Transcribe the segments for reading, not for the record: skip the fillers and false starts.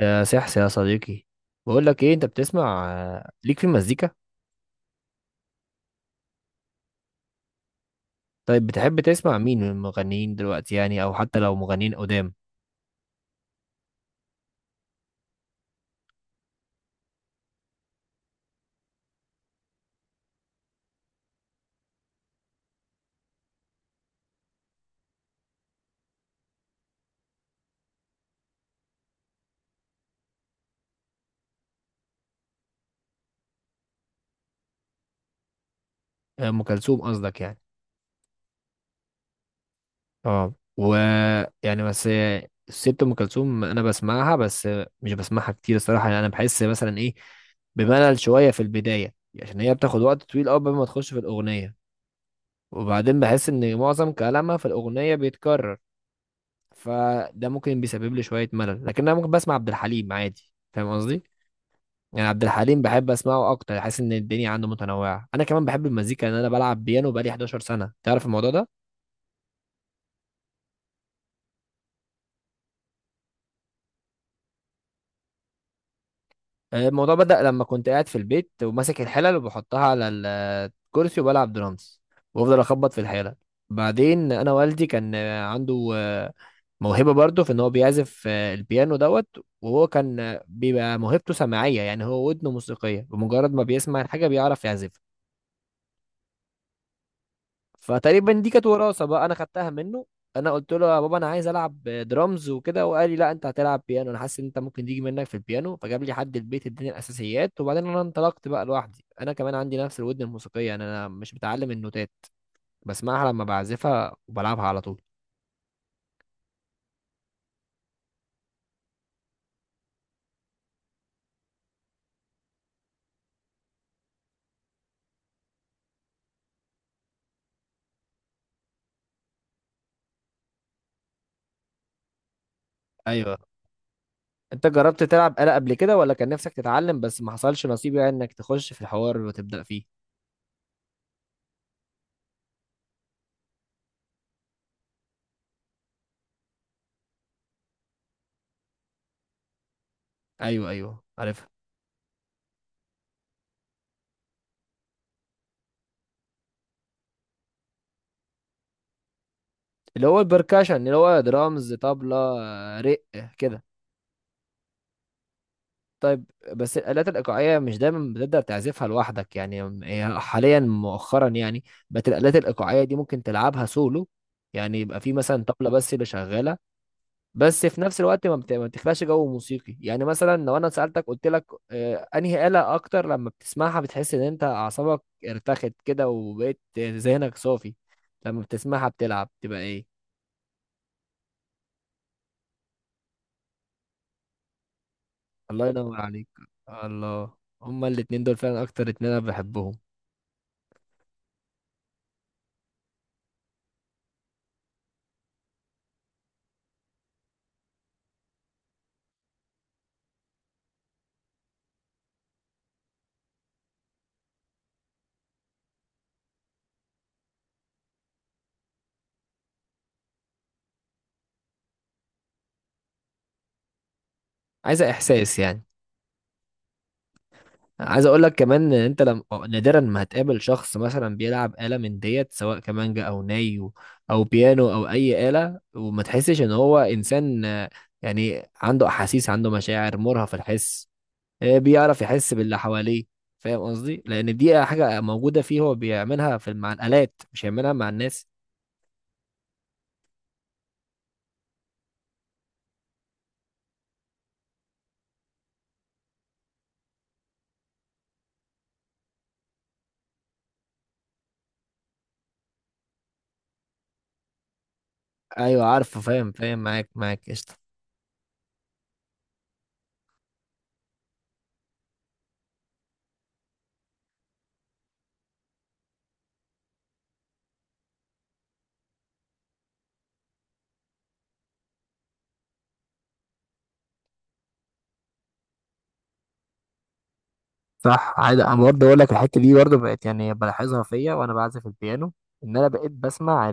يا سحس يا صديقي، بقول لك ايه؟ انت بتسمع ليك في المزيكا؟ طيب بتحب تسمع مين من المغنيين دلوقتي يعني، او حتى لو مغنيين قدام؟ ام كلثوم قصدك يعني. اه و يعني بس الست ام كلثوم انا بسمعها بس، مش بسمعها كتير الصراحه، يعني انا بحس مثلا ايه، بملل شويه في البدايه، عشان هي بتاخد وقت طويل قوي قبل ما تخش في الاغنيه، وبعدين بحس ان معظم كلامها في الاغنيه بيتكرر، فده ممكن بيسبب لي شويه ملل. لكن انا ممكن بسمع عبد الحليم عادي، فاهم قصدي؟ يعني عبد الحليم بحب اسمعه اكتر، حاسس ان الدنيا عنده متنوعه. انا كمان بحب المزيكا، ان انا بلعب بيانو بقالي 11 سنه، تعرف الموضوع ده؟ الموضوع بدأ لما كنت قاعد في البيت وماسك الحلل وبحطها على الكرسي وبلعب درامز، وافضل اخبط في الحلل. بعدين انا والدي كان عنده موهبه برضه في ان هو بيعزف البيانو دوت، وهو كان بيبقى موهبته سماعيه، يعني هو ودنه موسيقيه، بمجرد ما بيسمع الحاجه بيعرف يعزف. فتقريبا دي كانت وراثه بقى انا خدتها منه. انا قلت له يا بابا انا عايز العب درامز وكده، وقال لي لا، انت هتلعب بيانو، انا حاسس ان انت ممكن تيجي منك في البيانو. فجاب لي حد البيت، اداني الاساسيات، وبعدين انا انطلقت بقى لوحدي. انا كمان عندي نفس الودن الموسيقيه، يعني انا مش متعلم النوتات، بسمعها لما بعزفها وبلعبها على طول. ايوه، انت جربت تلعب آلة قبل كده ولا كان نفسك تتعلم بس ما حصلش نصيب، يعني انك تخش في الحوار وتبدأ فيه؟ ايوه ايوه، عارفها. اللي هو البركاشن، اللي هو درامز، طبلة، رق، كده. طيب، بس الآلات الإيقاعية مش دايما بتقدر تعزفها لوحدك، يعني هي حاليا مؤخرا يعني بقت الآلات الإيقاعية دي ممكن تلعبها سولو، يعني يبقى في مثلا طبلة بس اللي شغالة. بس في نفس الوقت ما بتخلقش جو موسيقي. يعني مثلا لو أنا سألتك قلت لك أنهي آلة أكتر لما بتسمعها بتحس إن أنت أعصابك ارتخت كده، وبقيت ذهنك صافي، لما بتسمعها بتلعب تبقى إيه؟ الله ينور عليك. الله. هما الاتنين دول فعلا أكتر اتنين أنا بحبهم. عايزة إحساس يعني. عايز اقول لك كمان ان انت لم... نادرا ما هتقابل شخص مثلا بيلعب آلة من ديت، سواء كمانجا او ناي او بيانو او اي آلة، وما تحسش ان هو انسان يعني عنده احاسيس، عنده مشاعر، مرهف في الحس، بيعرف يحس باللي حواليه. فاهم قصدي؟ لان دي حاجة موجودة فيه، هو بيعملها في مع الآلات، مش هيعملها مع الناس. ايوه عارفه، فاهم فاهم معاك معاك، قشطة. صح، عادي. انا برضه اقول لك الحته دي برضه بقت يعني بلاحظها فيا وانا بعزف البيانو، ان انا بقيت بسمع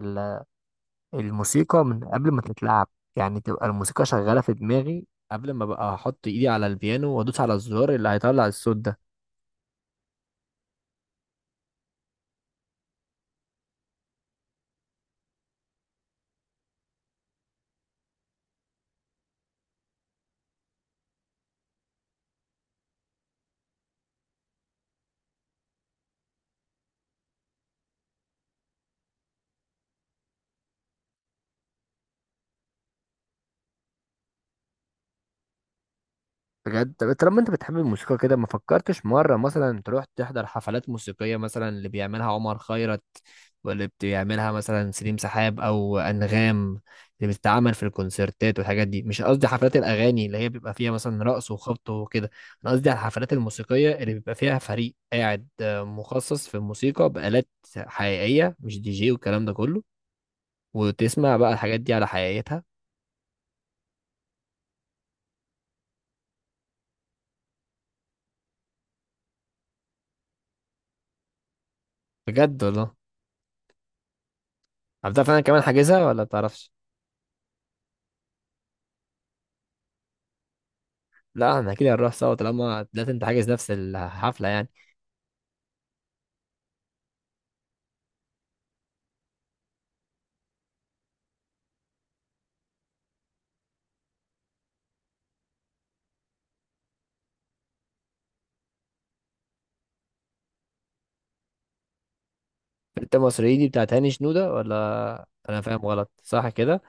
الموسيقى من قبل ما تتلعب، يعني تبقى الموسيقى شغالة في دماغي قبل ما بقى احط ايدي على البيانو وادوس على الزرار اللي هيطلع الصوت ده. بجد؟ طب طالما انت بتحب الموسيقى كده، ما فكرتش مرة مثلا تروح تحضر حفلات موسيقية، مثلا اللي بيعملها عمر خيرت، واللي بيعملها مثلا سليم سحاب، او انغام، اللي بتتعمل في الكونسرتات والحاجات دي؟ مش قصدي حفلات الاغاني اللي هي بيبقى فيها مثلا رقص وخبط وكده، انا قصدي على الحفلات الموسيقية اللي بيبقى فيها فريق قاعد مخصص في الموسيقى بآلات حقيقية، مش دي جي والكلام ده كله، وتسمع بقى الحاجات دي على حقيقتها. بجد والله؟ عارف فعلا كمان، حاجزها ولا بتعرفش؟ لا احنا كده هنروح سوا طالما لا، انت حاجز نفس الحفله يعني. انت مصريين دي بتاعت هاني شنوده، ولا انا فاهم غلط؟ صح كده.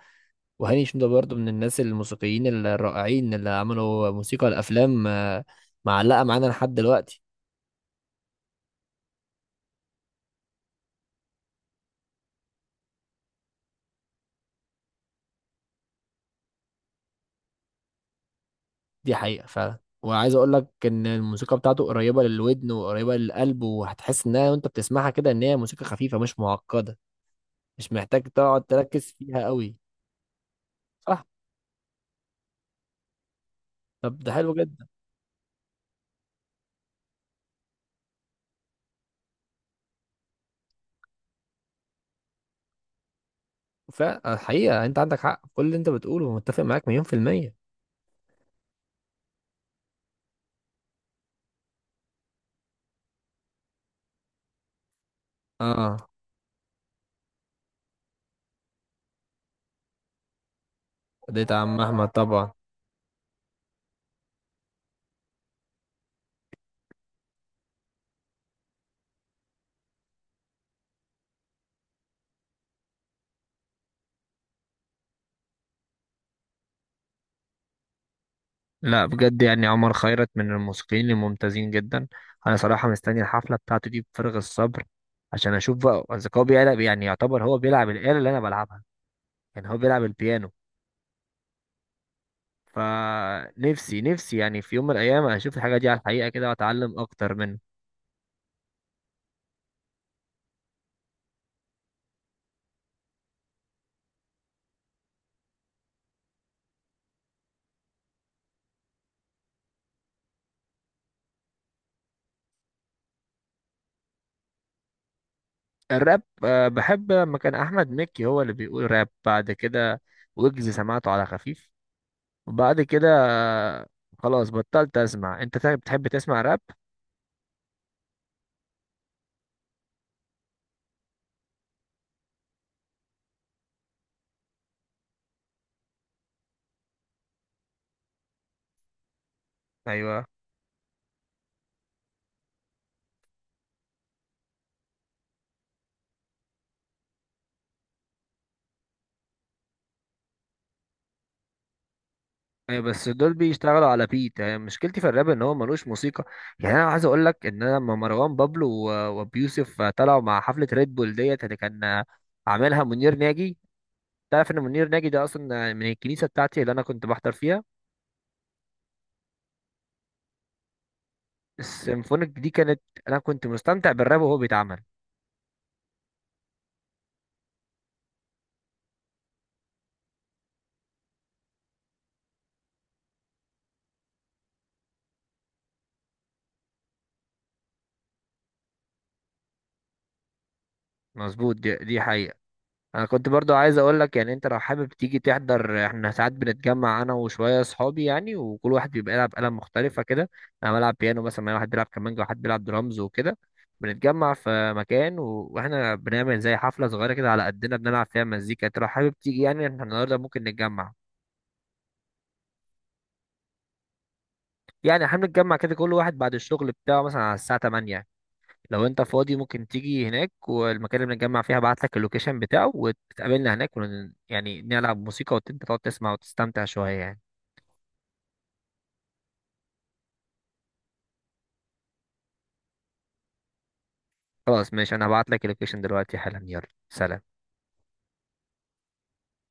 وهاني شنوده برضو من الناس الموسيقيين الرائعين اللي عملوا موسيقى الافلام معلقه معانا لحد دلوقتي. دي حقيقه فعلا. وعايز اقول لك ان الموسيقى بتاعته قريبه للودن وقريبه للقلب، وهتحس انها وانت بتسمعها كده ان هي موسيقى خفيفه مش معقده، مش محتاج تقعد تركز فيها قوي. صح. طب ده حلو جدا. فالحقيقة انت عندك حق في كل اللي انت بتقوله، متفق معاك مليون في المية. اه، ديت عم احمد طبعا. لا بجد، يعني عمر خيرت من الموسيقيين الممتازين جدا. انا صراحة مستني الحفلة بتاعته دي بفارغ الصبر، عشان اشوف بقى اذا هو بيلعب، يعني يعتبر هو بيلعب الآلة اللي انا بلعبها، يعني هو بيلعب البيانو. فنفسي نفسي يعني في يوم من الايام اشوف الحاجة دي على الحقيقة كده، واتعلم اكتر منه. الراب بحب لما كان احمد مكي هو اللي بيقول راب، بعد كده ويجز، سمعته على خفيف، وبعد كده خلاص بطلت اسمع. انت بتحب تسمع راب؟ ايوه ايوه، بس دول بيشتغلوا على بيت، يعني مشكلتي في الراب ان هو ملوش موسيقى. يعني انا عايز اقول لك ان انا لما مروان بابلو وابيوسف طلعوا مع حفله ريد بول ديت اللي كان عاملها منير ناجي، تعرف ان منير ناجي ده اصلا من الكنيسه بتاعتي اللي انا كنت بحضر فيها؟ السيمفونيك دي كانت، انا كنت مستمتع بالراب وهو بيتعمل. مظبوط، دي حقيقه. انا كنت برضو عايز اقول لك يعني، انت لو حابب تيجي تحضر، احنا ساعات بنتجمع انا وشويه اصحابي يعني، وكل واحد بيبقى يلعب آلة مختلفه كده. انا بلعب بيانو مثلا، واحد بيلعب كمانجا، وواحد بيلعب درامز وكده. بنتجمع في مكان واحنا بنعمل زي حفله صغيره كده على قدنا، بنلعب فيها مزيكا. انت لو حابب تيجي يعني، احنا النهارده ممكن نتجمع. يعني احنا بنتجمع كده كل واحد بعد الشغل بتاعه، مثلا على الساعه 8، لو انت فاضي ممكن تيجي هناك. والمكان اللي بنتجمع فيه هبعت لك اللوكيشن بتاعه، وتقابلنا هناك يعني نلعب موسيقى، وانت تقعد تسمع وتستمتع شوية يعني. خلاص ماشي، انا هبعت لك اللوكيشن دلوقتي حالا. يلا سلام.